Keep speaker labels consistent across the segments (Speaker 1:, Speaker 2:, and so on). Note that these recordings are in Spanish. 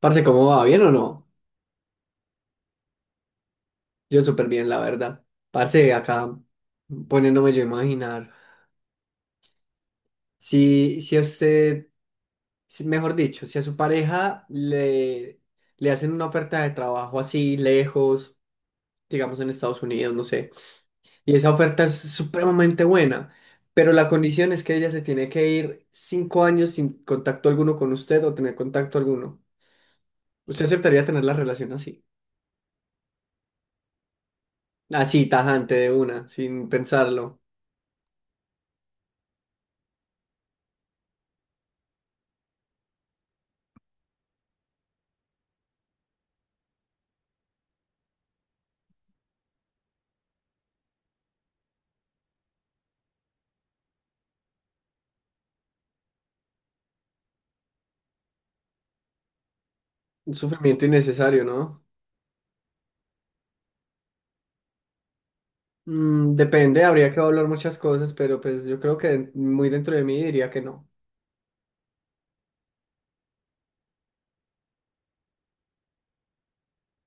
Speaker 1: Parce, ¿cómo va? ¿Bien o no? Yo súper bien, la verdad. Parce, acá poniéndome yo a imaginar. Si a usted, mejor dicho, si a su pareja le hacen una oferta de trabajo así lejos, digamos en Estados Unidos, no sé, y esa oferta es supremamente buena, pero la condición es que ella se tiene que ir 5 años sin contacto alguno con usted o tener contacto alguno. ¿Usted aceptaría tener la relación así? Así, tajante de una, sin pensarlo. Un sufrimiento innecesario, ¿no? Mm, depende, habría que hablar muchas cosas, pero pues yo creo que muy dentro de mí diría que no.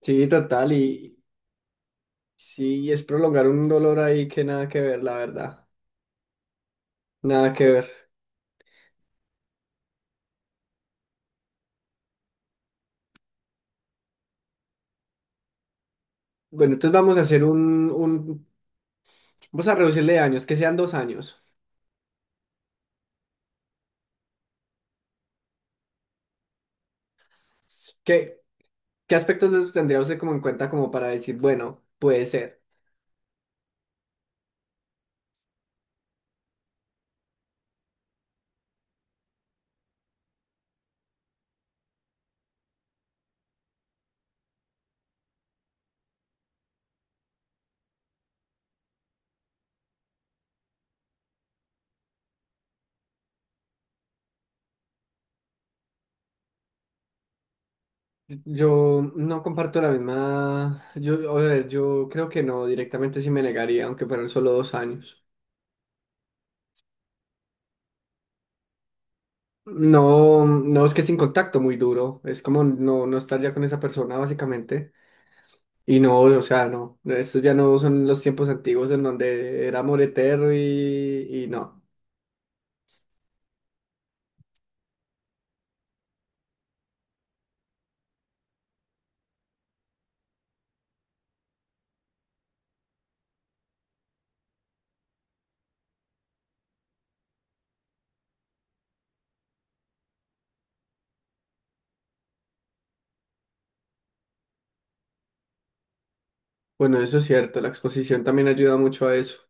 Speaker 1: Sí, total, y sí, es prolongar un dolor ahí que nada que ver, la verdad. Nada que ver. Bueno, entonces vamos a hacer vamos a reducirle años, que sean 2 años. ¿Qué, qué aspectos de eso tendría usted como en cuenta como para decir, bueno, ¿puede ser? Yo no comparto la misma, yo, a ver, yo creo que no, directamente sí me negaría, aunque fueran solo 2 años. No, no, es que es sin contacto muy duro, es como no, no estar ya con esa persona básicamente. Y no, o sea, no, estos ya no son los tiempos antiguos en donde era amor eterno y no. Bueno, eso es cierto, la exposición también ayuda mucho a eso.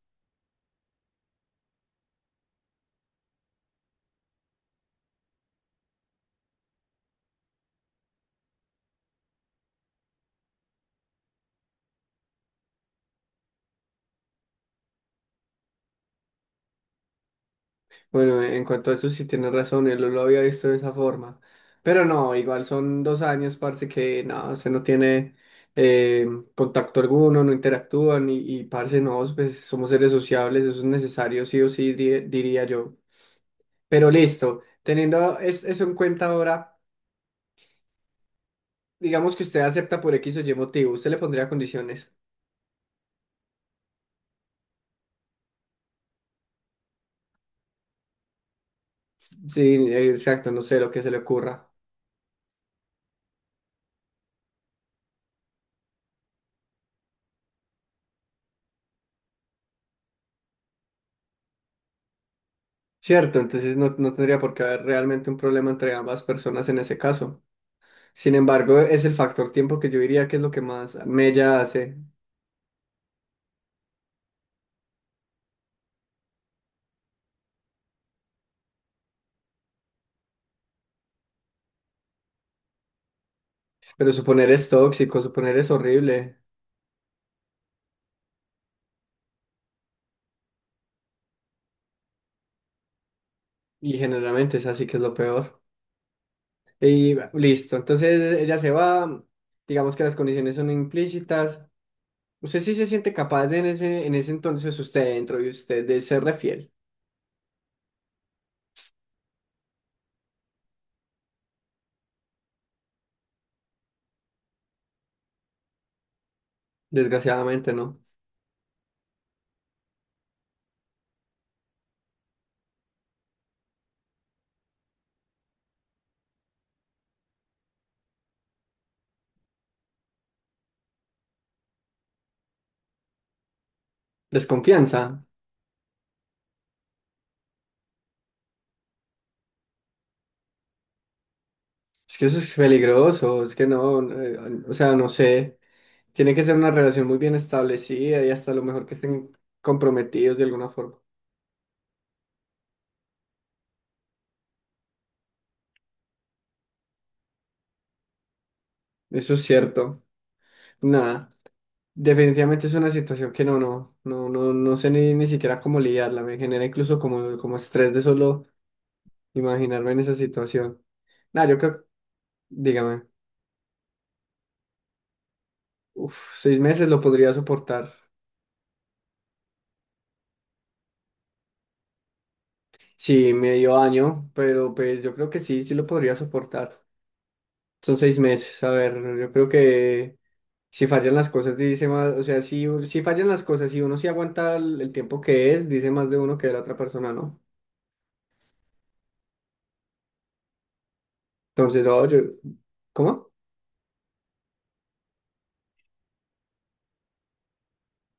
Speaker 1: Bueno, en cuanto a eso sí tienes razón, él no lo había visto de esa forma. Pero no, igual son 2 años, parce, que no, se no tiene eh, contacto alguno, no interactúan y parce, no, pues somos seres sociables, eso es necesario, sí o sí, diría yo. Pero listo, teniendo eso en cuenta ahora, digamos que usted acepta por X o Y motivo, usted le pondría condiciones. Sí, exacto, no sé lo que se le ocurra. Cierto, entonces no, no tendría por qué haber realmente un problema entre ambas personas en ese caso. Sin embargo, es el factor tiempo que yo diría que es lo que más mella hace. Pero suponer es tóxico, suponer es horrible. Y generalmente es así que es lo peor. Y listo. Entonces ella se va. Digamos que las condiciones son implícitas. Usted sí se siente capaz de en ese entonces, usted dentro y usted de serle fiel. Desgraciadamente, ¿no? Desconfianza. Es que eso es peligroso. Es que no. O sea, no sé. Tiene que ser una relación muy bien establecida y hasta lo mejor que estén comprometidos de alguna forma. Eso es cierto. Nada, definitivamente es una situación que no, no, no, no, no sé ni siquiera cómo lidiarla. Me genera incluso como estrés de solo imaginarme en esa situación. Nada, yo creo, dígame, uf, 6 meses lo podría soportar. Sí, medio año, pero pues yo creo que sí, sí lo podría soportar. Son 6 meses, a ver, yo creo que si fallan las cosas, dice más, o sea, si fallan las cosas y uno sí aguanta el tiempo que es, dice más de uno que de la otra persona, ¿no? Entonces, no, yo, ¿cómo?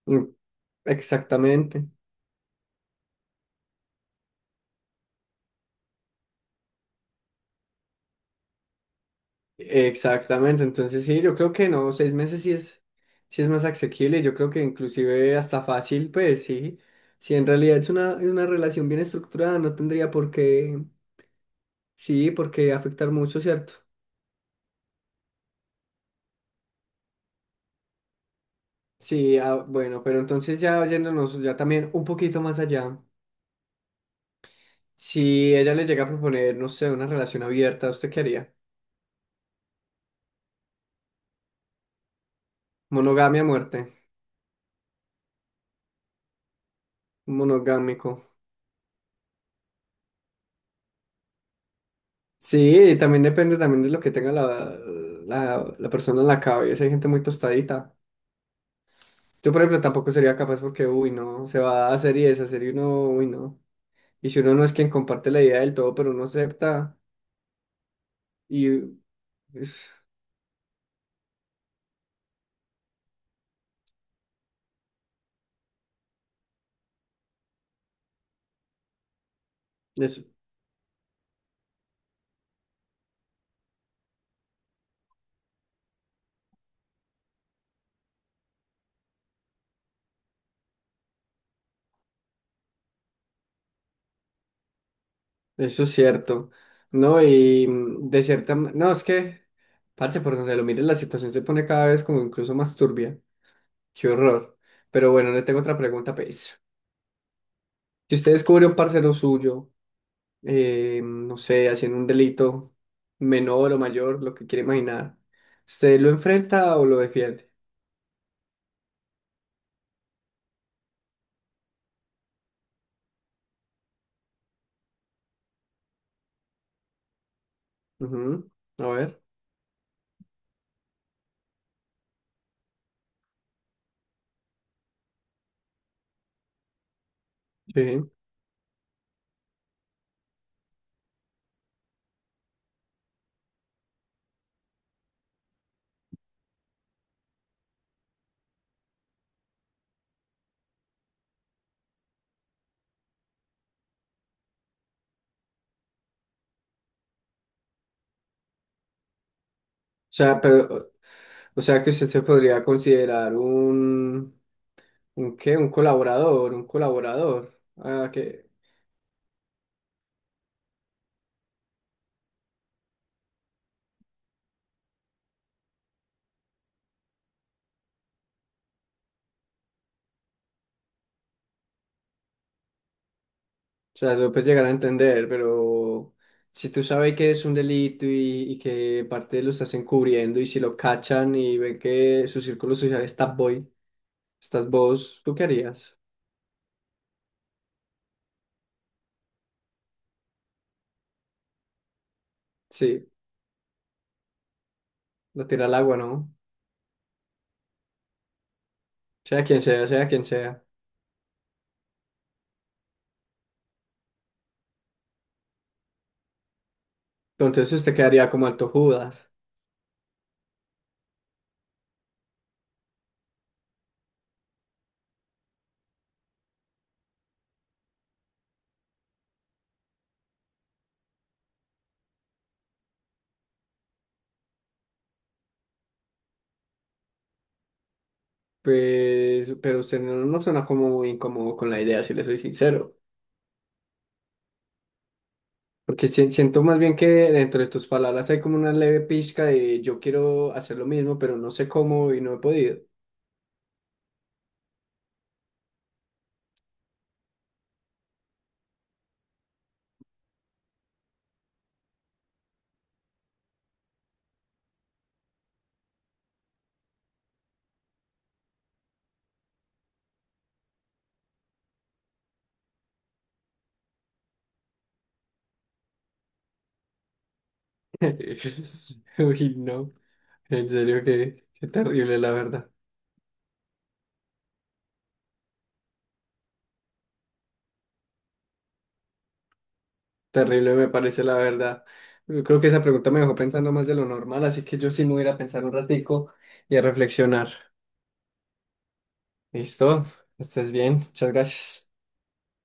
Speaker 1: Mm, exactamente, exactamente. Entonces, sí, yo creo que no, 6 meses sí es más asequible. Yo creo que inclusive hasta fácil, pues sí. Si en realidad es una relación bien estructurada, no tendría por qué, sí, por qué afectar mucho, ¿cierto? Sí, ah, bueno, pero entonces ya yéndonos ya también un poquito más allá. Si ella le llega a proponer, no sé, una relación abierta, ¿usted qué haría? Monogamia a muerte, monogámico. Sí, también depende también de lo que tenga la persona en la cabeza. Hay gente muy tostadita. Yo, por ejemplo, tampoco sería capaz porque, uy, no, se va a hacer y deshacer y uno, uy, no. Y si uno no es quien comparte la idea del todo, pero uno acepta, y es- eso, eso es cierto, ¿no? Y de cierta no, es que, parce, por donde lo mires, la situación se pone cada vez como incluso más turbia. Qué horror. Pero bueno, le tengo otra pregunta, pues. Si usted descubre un parcero suyo, no sé, haciendo un delito menor o mayor, lo que quiere imaginar. ¿Usted lo enfrenta o lo defiende? Ujú. A ver, sí. O sea, pero, o sea que usted se podría considerar un qué, un colaborador, un colaborador. Ah, que, o sea, lo puedes llegar a entender, pero si tú sabes que es un delito y que parte lo estás encubriendo y si lo cachan y ven que su círculo social está boy, estás vos, ¿tú qué harías? Sí, lo tira al agua, ¿no? Sea quien sea, sea quien sea. Pero entonces usted quedaría como alto Judas. Pues, pero usted no, no suena como muy incómodo con la idea, si le soy sincero. Porque siento más bien que dentro de tus palabras hay como una leve pizca de yo quiero hacer lo mismo, pero no sé cómo y no he podido. Uy, no, en serio que terrible la verdad. Terrible me parece la verdad. Yo creo que esa pregunta me dejó pensando más de lo normal, así que yo sí me voy a ir a pensar un ratico y a reflexionar. ¿Listo? Estés bien. Muchas gracias.